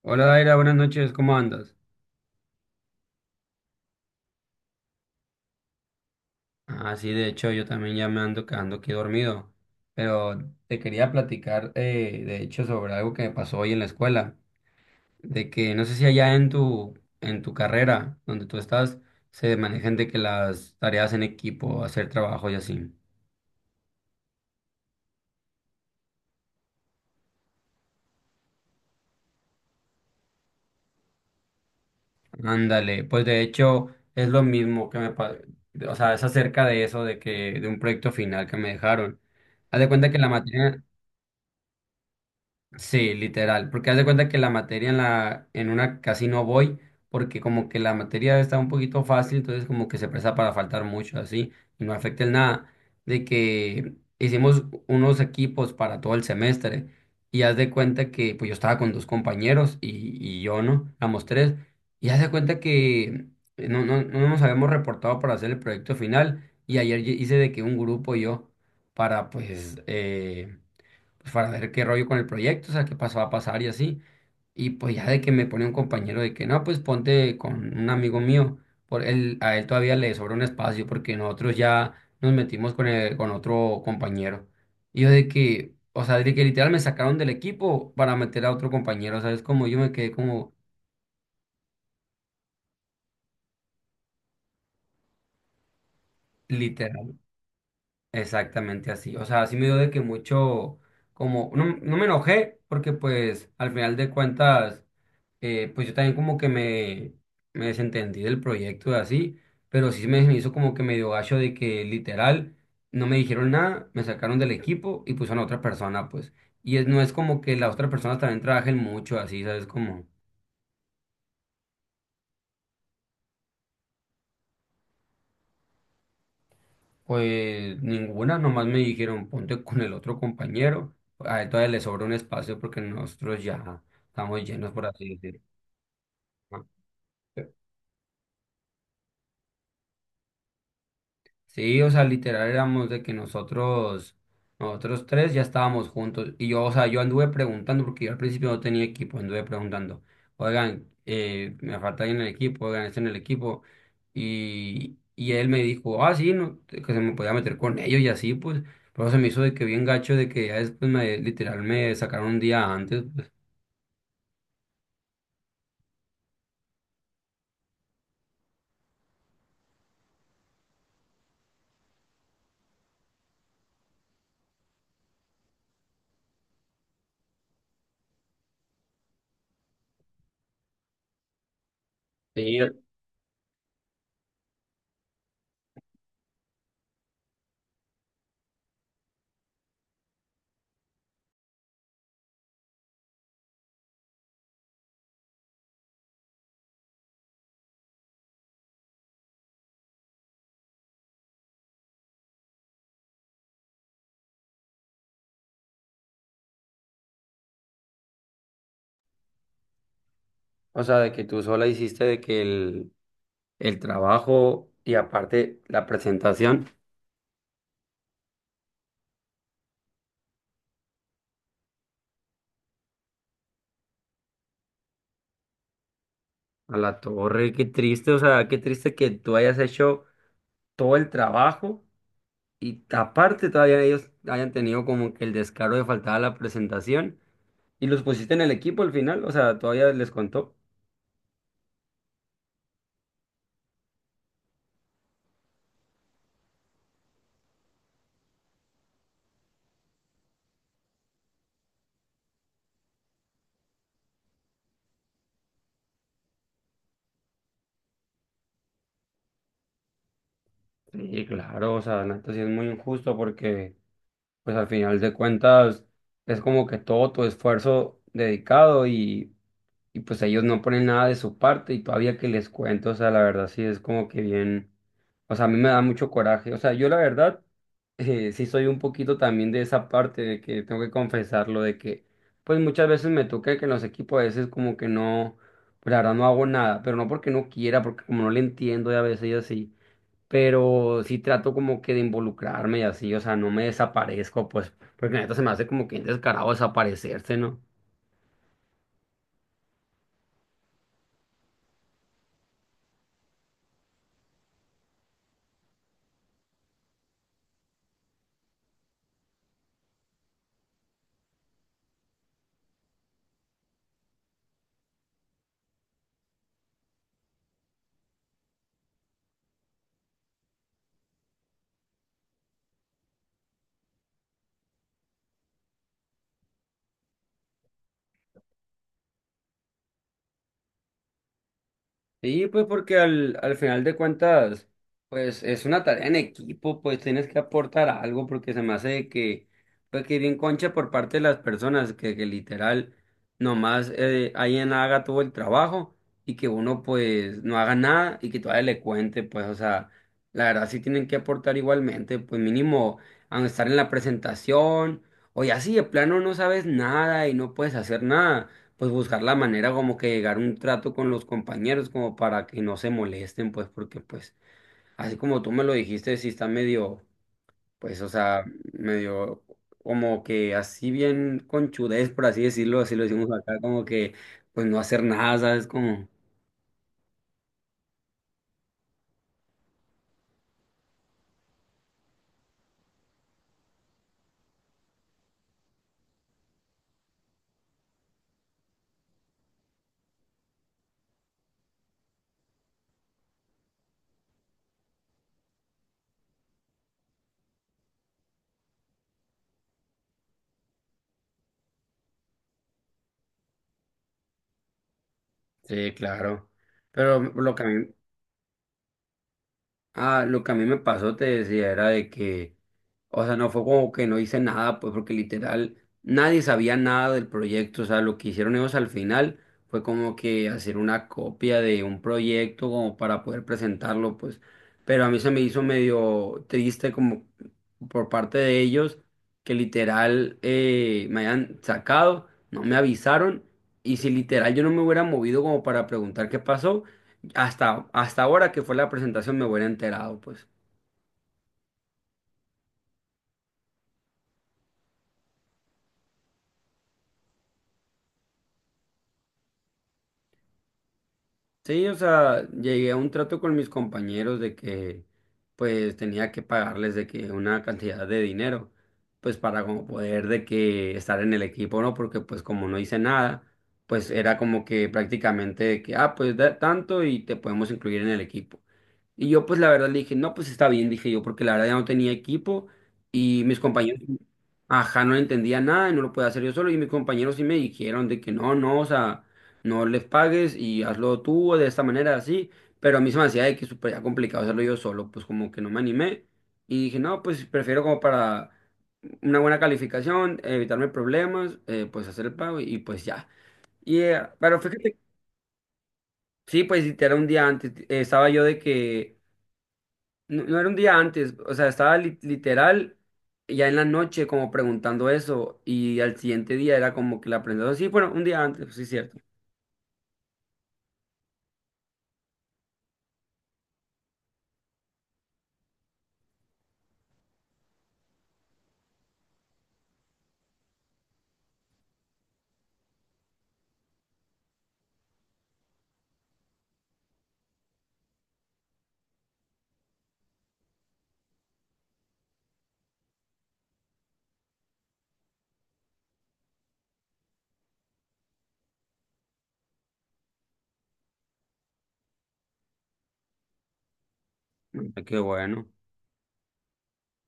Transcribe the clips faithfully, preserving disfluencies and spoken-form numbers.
Hola Daira, buenas noches, ¿cómo andas? Ah, sí, de hecho yo también ya me ando quedando aquí dormido, pero te quería platicar eh, de hecho sobre algo que me pasó hoy en la escuela, de que no sé si allá en tu, en tu carrera donde tú estás se manejan de que las tareas en equipo, hacer trabajo y así. Ándale, pues de hecho es lo mismo que me pasó, o sea, es acerca de eso, de que de un proyecto final que me dejaron. Haz de cuenta que la materia... Sí, literal, porque haz de cuenta que la materia en la en una casi no voy porque como que la materia está un poquito fácil, entonces como que se presta para faltar mucho así y no afecta en nada de que hicimos unos equipos para todo el semestre, y haz de cuenta que pues yo estaba con dos compañeros y, y yo no, éramos tres, y haz de cuenta que no, no, no nos habíamos reportado para hacer el proyecto final, y ayer hice de que un grupo yo para pues eh, pues, para ver qué rollo con el proyecto, o sea, qué pasó a pasar y así. Y pues ya de que me pone un compañero de que no, pues ponte con un amigo mío, por él, a él todavía le sobra un espacio porque nosotros ya nos metimos con, el- con otro compañero. Y yo de que, o sea, de que literal me sacaron del equipo para meter a otro compañero, ¿sabes? Como yo me quedé como literal, exactamente así. O sea, así me dio de que mucho, como, no, no me enojé porque pues al final de cuentas eh, pues yo también como que me, me desentendí del proyecto y así, pero sí me, me hizo como que medio gacho de que literal no me dijeron nada, me sacaron del equipo y pusieron a otra persona, pues. Y es, no es como que las otras personas también trabajen mucho así, ¿sabes? Como, pues ninguna, nomás me dijeron ponte con el otro compañero, a él todavía le sobra un espacio porque nosotros ya estamos llenos, por así decirlo. ¿No? Sí, o sea, literal éramos de que nosotros, nosotros tres ya estábamos juntos. Y yo, o sea, yo anduve preguntando, porque yo al principio no tenía equipo, anduve preguntando, oigan, eh, me falta alguien en el equipo, oigan, está en el equipo. Y, y él me dijo, ah, sí, no, que se me podía meter con ellos y así, pues. Pero se me hizo de que bien gacho, de que ya después me, literal, me sacaron un día antes, pues. Sí, o sea, de que tú sola hiciste de que el, el trabajo y aparte la presentación. A la torre, qué triste, o sea, qué triste que tú hayas hecho todo el trabajo y aparte todavía ellos hayan tenido como que el descaro de faltar a la presentación y los pusiste en el equipo al final, o sea, todavía les contó. Sí, claro, o sea, Nato, sí es muy injusto porque pues al final de cuentas es como que todo tu esfuerzo dedicado y y pues ellos no ponen nada de su parte y todavía que les cuento, o sea, la verdad sí es como que bien, o sea, a mí me da mucho coraje, o sea, yo la verdad eh, sí soy un poquito también de esa parte de que tengo que confesarlo, de que pues muchas veces me toca que en los equipos a veces como que no, pues la verdad no hago nada, pero no porque no quiera, porque como no le entiendo y a veces y así, pero sí trato como que de involucrarme y así, o sea, no me desaparezco, pues, porque la neta se me hace como que bien descarado desaparecerse, ¿no? Sí, pues porque al, al final de cuentas, pues es una tarea en equipo, pues tienes que aportar algo porque se me hace de que, pues que bien concha por parte de las personas, que, que literal nomás eh, alguien haga todo el trabajo y que uno pues no haga nada y que todavía le cuente, pues o sea, la verdad sí tienen que aportar igualmente, pues mínimo a estar en la presentación o ya si de plano no sabes nada y no puedes hacer nada, pues buscar la manera como que llegar a un trato con los compañeros como para que no se molesten, pues porque pues así como tú me lo dijiste, sí está medio, pues o sea, medio como que así bien conchudez, por así decirlo, así lo decimos acá, como que pues no hacer nada, ¿sabes? Como, sí, claro. Pero lo que a mí, ah, lo que a mí me pasó, te decía, era de que, o sea, no fue como que no hice nada, pues porque literal nadie sabía nada del proyecto, o sea, lo que hicieron ellos al final fue como que hacer una copia de un proyecto como para poder presentarlo, pues, pero a mí se me hizo medio triste como por parte de ellos que literal eh, me hayan sacado, no me avisaron, y si literal yo no me hubiera movido como para preguntar qué pasó. Hasta, hasta ahora que fue la presentación me hubiera enterado, pues. Sí, o sea, llegué a un trato con mis compañeros de que, pues, tenía que pagarles de que una cantidad de dinero, pues, para como poder de que estar en el equipo, ¿no? Porque, pues, como no hice nada, pues, era como que prácticamente de que, ah, pues, da tanto y te podemos incluir en el equipo. Y yo, pues, la verdad le dije, no, pues, está bien, dije yo, porque la verdad ya no tenía equipo y mis compañeros ajá, no entendía nada y no lo podía hacer yo solo. Y mis compañeros sí me dijeron de que no, no, o sea, no les pagues y hazlo tú de esta manera, así. Pero a mí se me hacía de que súper ya complicado hacerlo yo solo, pues como que no me animé. Y dije, no, pues prefiero como para una buena calificación, evitarme problemas, eh, pues hacer el pago y, pues ya. Y, eh, pero fíjate, sí, pues si era un día antes, eh, estaba yo de que no, no era un día antes, o sea, estaba li- literal ya en la noche como preguntando eso y al siguiente día era como que la aprendió. Sí, bueno, un día antes, sí, cierto. Mm, qué bueno.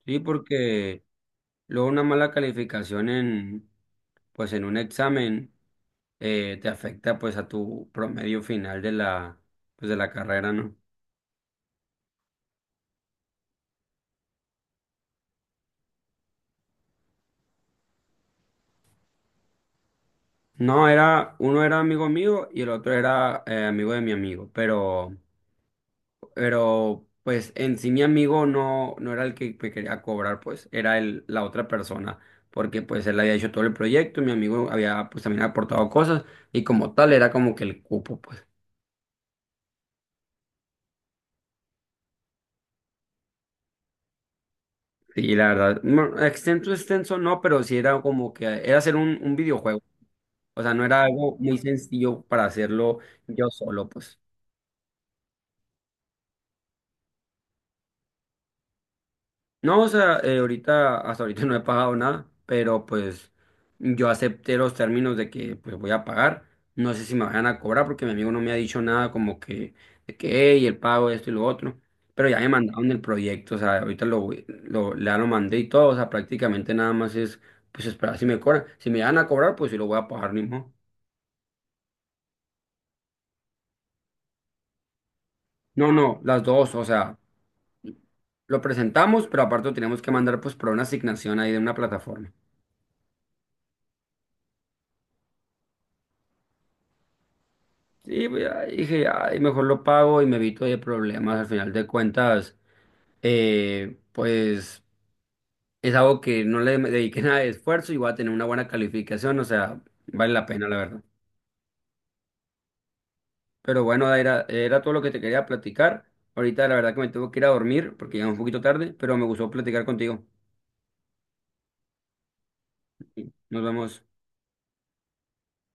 Sí, porque luego una mala calificación en, pues en un examen eh, te afecta pues a tu promedio final de la, pues de la carrera, ¿no? No, era, uno era amigo mío y el otro era eh, amigo de mi amigo, pero... Pero pues en sí mi amigo no, no era el que me quería cobrar, pues era el, la otra persona, porque pues él había hecho todo el proyecto, mi amigo había pues también aportado cosas y como tal era como que el cupo, pues. Sí, la verdad, no, extenso, extenso no, pero sí era como que era hacer un, un videojuego, o sea, no era algo muy sencillo para hacerlo yo solo, pues. No, o sea, eh, ahorita, hasta ahorita no he pagado nada, pero pues yo acepté los términos de que pues voy a pagar. No sé si me van a cobrar porque mi amigo no me ha dicho nada como que, de que, hey, el pago, esto y lo otro. Pero ya me mandaron el proyecto, o sea, ahorita lo, voy- lo, ya lo mandé y todo, o sea, prácticamente nada más es pues esperar si me cobran. Si me van a cobrar, pues sí lo voy a pagar mismo. No, no, las dos, o sea, lo presentamos, pero aparte lo tenemos que mandar pues por una asignación ahí de una plataforma. Sí, pues, ya dije, ay, mejor lo pago y me evito de problemas. Al final de cuentas, eh, pues es algo que no le dediqué nada de esfuerzo y voy a tener una buena calificación. O sea, vale la pena, la verdad. Pero bueno, era, era todo lo que te quería platicar. Ahorita, la verdad, que me tengo que ir a dormir porque ya es un poquito tarde, pero me gustó platicar contigo. Nos vemos.